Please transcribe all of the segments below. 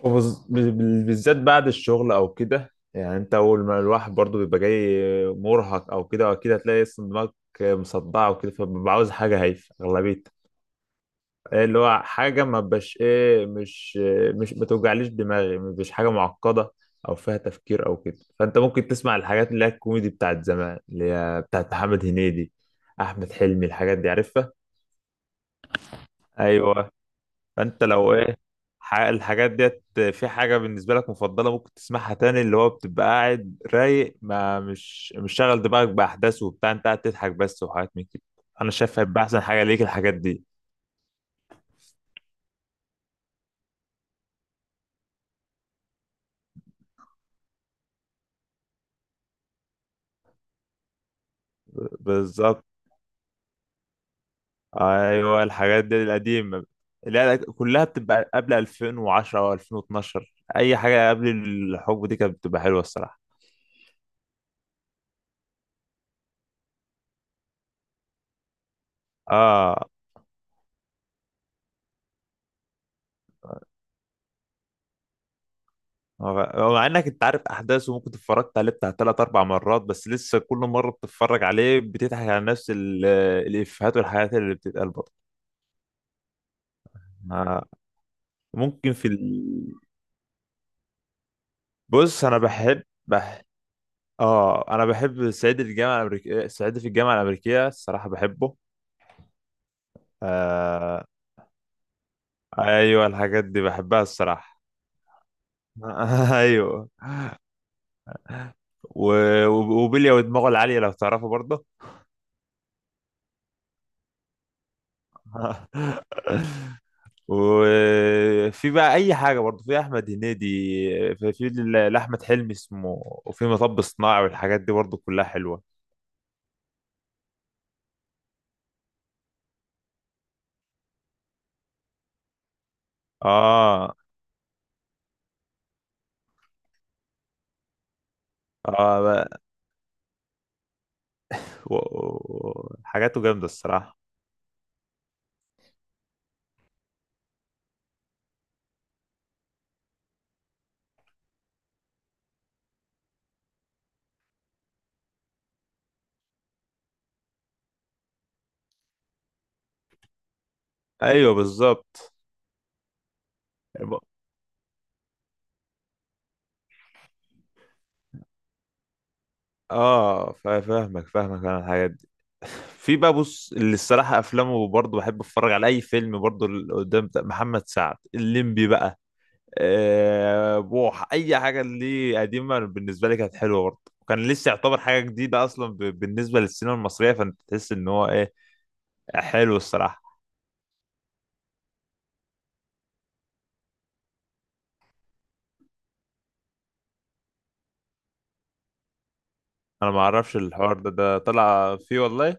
وبز- بال- بالذات بعد الشغل او كده يعني انت اول ما الواحد برضو بيبقى جاي مرهق او كده هتلاقي اصلا دماغك مصدعه وكده فببقى عاوز حاجه هايفه اغلبيتها. إيه اللي هو حاجه ما بقاش ايه، مش ما توجعليش دماغي، مش حاجه معقده او فيها تفكير او كده، فانت ممكن تسمع الحاجات اللي هي الكوميدي بتاعت زمان، اللي هي بتاعت محمد هنيدي، احمد حلمي، الحاجات دي عارفها. ايوه. فانت لو ايه الحاجات ديت، في حاجه بالنسبه لك مفضله ممكن تسمعها تاني، اللي هو بتبقى قاعد رايق ما مش شاغل دماغك باحداث وبتاع، انت قاعد تضحك بس وحاجات من كده. انا شايف هيبقى احسن حاجه ليك الحاجات دي. بالظبط. ايوه الحاجات دي القديمه. لا كلها بتبقى قبل 2010 او 2012، اي حاجه قبل الحقبه دي كانت بتبقى حلوه الصراحه. اه، مع انك انت عارف احداثه، ممكن اتفرجت عليه بتاع ثلاث اربع مرات بس لسه كل مره بتتفرج عليه بتضحك على نفس الافيهات والحاجات اللي بتتقال برضه. ما- ممكن بص انا بحب اه انا بحب صعيدي في الجامعه الامريكيه، صعيدي في الجامعه الامريكيه، الصراحه بحبه. آه... ايوه الحاجات دي بحبها الصراحه. ايوه. و... وبيليا ودماغه العاليه لو تعرفه برضه. وفي بقى اي حاجه برضه، في احمد هنيدي، في لاحمد حلمي اسمه، وفي مطب صناعي والحاجات دي برضه كلها حلوه. اه اه بقى. حاجاته جامده الصراحه. ايوه بالظبط. اه فاهمك انا الحاجات دي. في بقى، بص اللي الصراحه افلامه برضه بحب اتفرج على اي فيلم برضه، اللي قدام بتاع محمد سعد، الليمبي بقى. بوح اي حاجه ليه قديمه بالنسبه لي كانت حلوه برضه، وكان لسه يعتبر حاجه جديده اصلا بالنسبه للسينما المصريه، فانت تحس ان هو ايه، حلو الصراحه. انا ما اعرفش الحوار ده، ده طلع فيه والله؟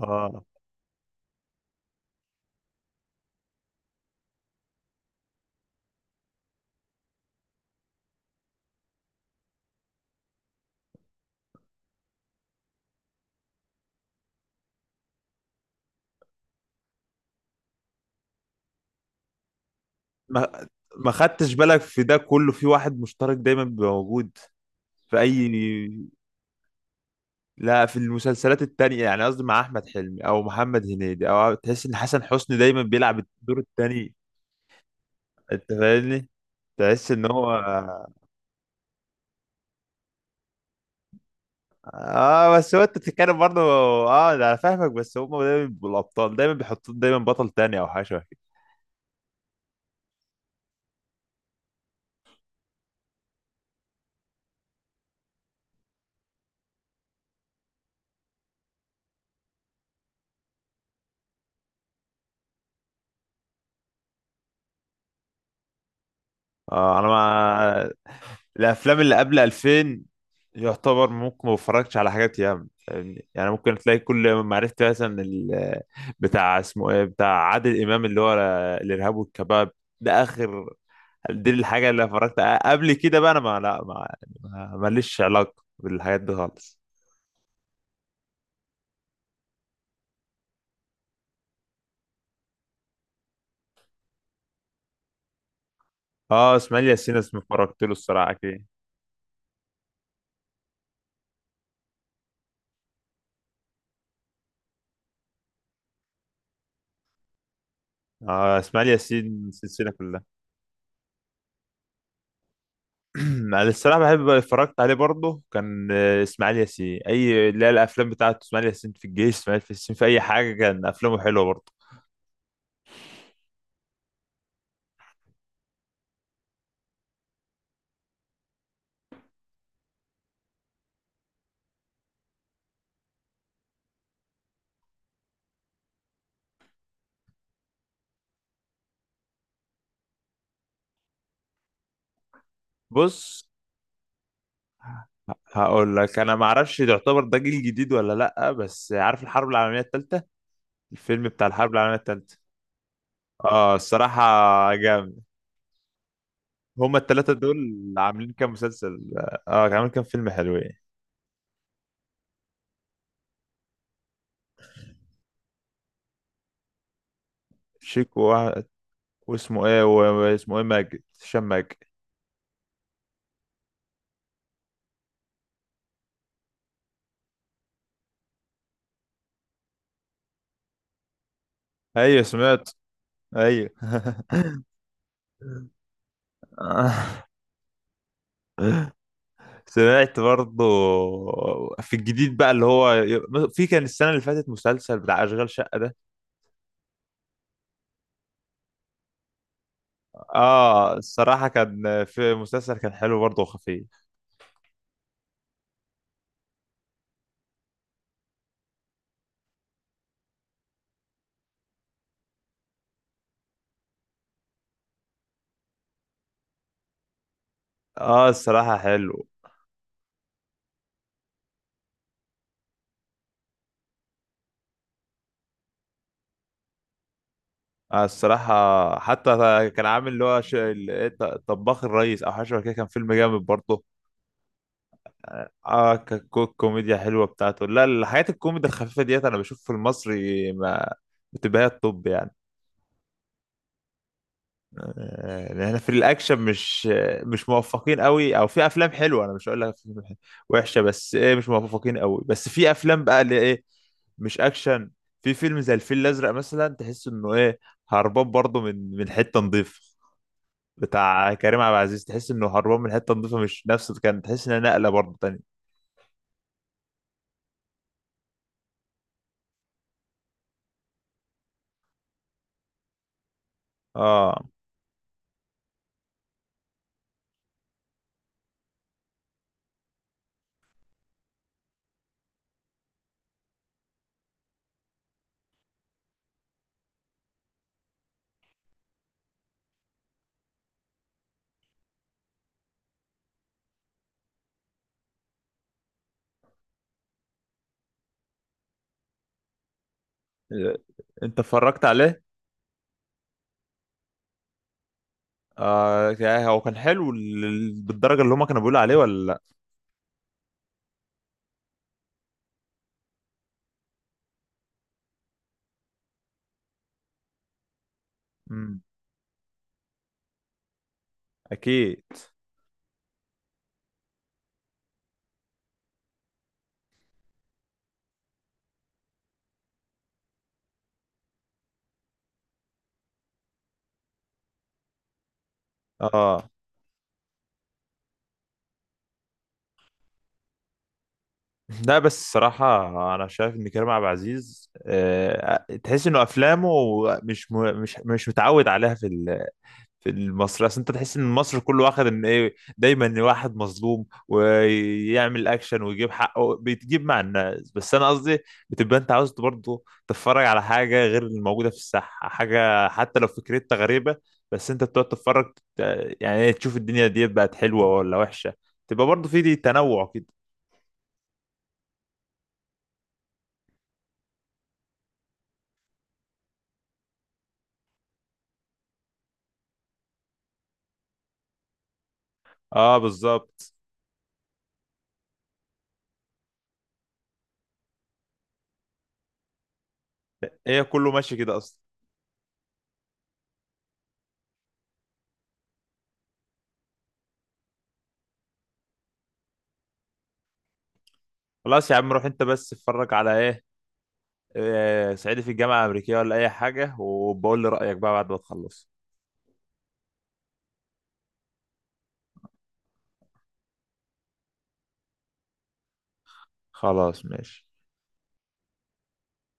اه ما ما خدتش بالك في ده كله في واحد مشترك دايما بيبقى موجود. في اي لا في المسلسلات التانية يعني، قصدي مع احمد حلمي او محمد هنيدي، او تحس ان حسن حسني دايما بيلعب الدور التاني. انت فاهمني، تحس ان هو. اه، بس هو انت بتتكلم برضه. اه ده انا فاهمك، بس هم دايما بيبقوا الابطال، دايما بيحطوا دايما بطل تاني او حاجه شبه كده. اه انا ما الافلام اللي قبل 2000 يعتبر ممكن ما بتفرجش على حاجات ياما، فاهمني؟ يعني ممكن تلاقي كل ما عرفت مثلا بتاع اسمه ايه، بتاع عادل امام، اللي هو الارهاب والكباب، ده اخر، دي الحاجه اللي اتفرجت قبل كده بقى. انا ما لا ما ما- ماليش علاقه بالحاجات دي خالص. اه اسماعيل ياسين، اسمه اتفرجت له الصراحه. آه اسماعيل ياسين السلسلة كلها. أنا الصراحة بحب اتفرجت عليه برضه، كان اسماعيل ياسين أي لا الأفلام بتاعته، اسماعيل ياسين في الجيش، اسماعيل ياسين في أي حاجة، كان أفلامه حلوة برضه. بص، هقول لك أنا معرفش يعتبر ده جيل جديد ولا لأ، بس عارف الحرب العالمية التالتة؟ الفيلم بتاع الحرب العالمية التالتة، اه الصراحة جامد. هما التلاتة دول عاملين كام مسلسل، عاملين كام فيلم حلوين. شيكو واسمه ايه هشام ماجد. ايوه سمعت. ايوه. سمعت برضه. في الجديد بقى اللي هو، في، كان السنة اللي فاتت مسلسل بتاع أشغال شقة ده. اه الصراحة كان في مسلسل كان حلو برضه وخفيف. اه الصراحة حلو. آه الصراحة حتى كان عامل اللي هو ش... ال- إيه، ط- طباخ الريس أو حاجة شبه كده، كان فيلم جامد برضه. اه الكوميديا حلوة بتاعته. لا الحاجات الكوميديا الخفيفة ديت أنا بشوف في المصري ما بتبقى هي الطب يعني. احنا في الاكشن مش موفقين قوي، او في افلام حلوه، انا مش هقول لك وحشه، بس ايه مش موفقين قوي، بس في افلام بقى اللي ايه، مش اكشن. في فيلم زي الفيل الازرق مثلا، تحس انه ايه، هربان برضه من حته نظيفه. بتاع كريم عبد العزيز، تحس انه هربان من حته نظيفه، مش نفس، كان تحس انها نقله برضه تانية. اه. انت اتفرجت عليه. اه يعني هو كان حلو بالدرجه اللي هما كانوا بيقولوا عليه ولا لا؟ امم، اكيد. اه لا بس الصراحة أنا شايف إن كريم عبد العزيز، تحس إنه أفلامه مش م... مش مش متعود عليها في في المصري. أصل أنت تحس إن مصر كله واخد إن إيه، دايما واحد مظلوم ويعمل أكشن ويجيب حقه بيتجيب مع الناس، بس أنا قصدي بتبقى أنت عاوز برضه تتفرج على حاجة غير الموجودة في الساحة، حاجة حتى لو فكرتها غريبة بس أنت بتقعد تتفرج يعني إيه، تشوف الدنيا دي بقت حلوة ولا وحشة. تبقى برضه في دي تنوع كده. اه بالظبط. هي كله ماشي كده اصلا. خلاص يا عم، روح انت بس اتفرج على ايه، صعيدي في الجامعه الامريكيه ولا اي حاجه، وبقول لي رايك بقى بعد ما تخلص. خلاص ماشي.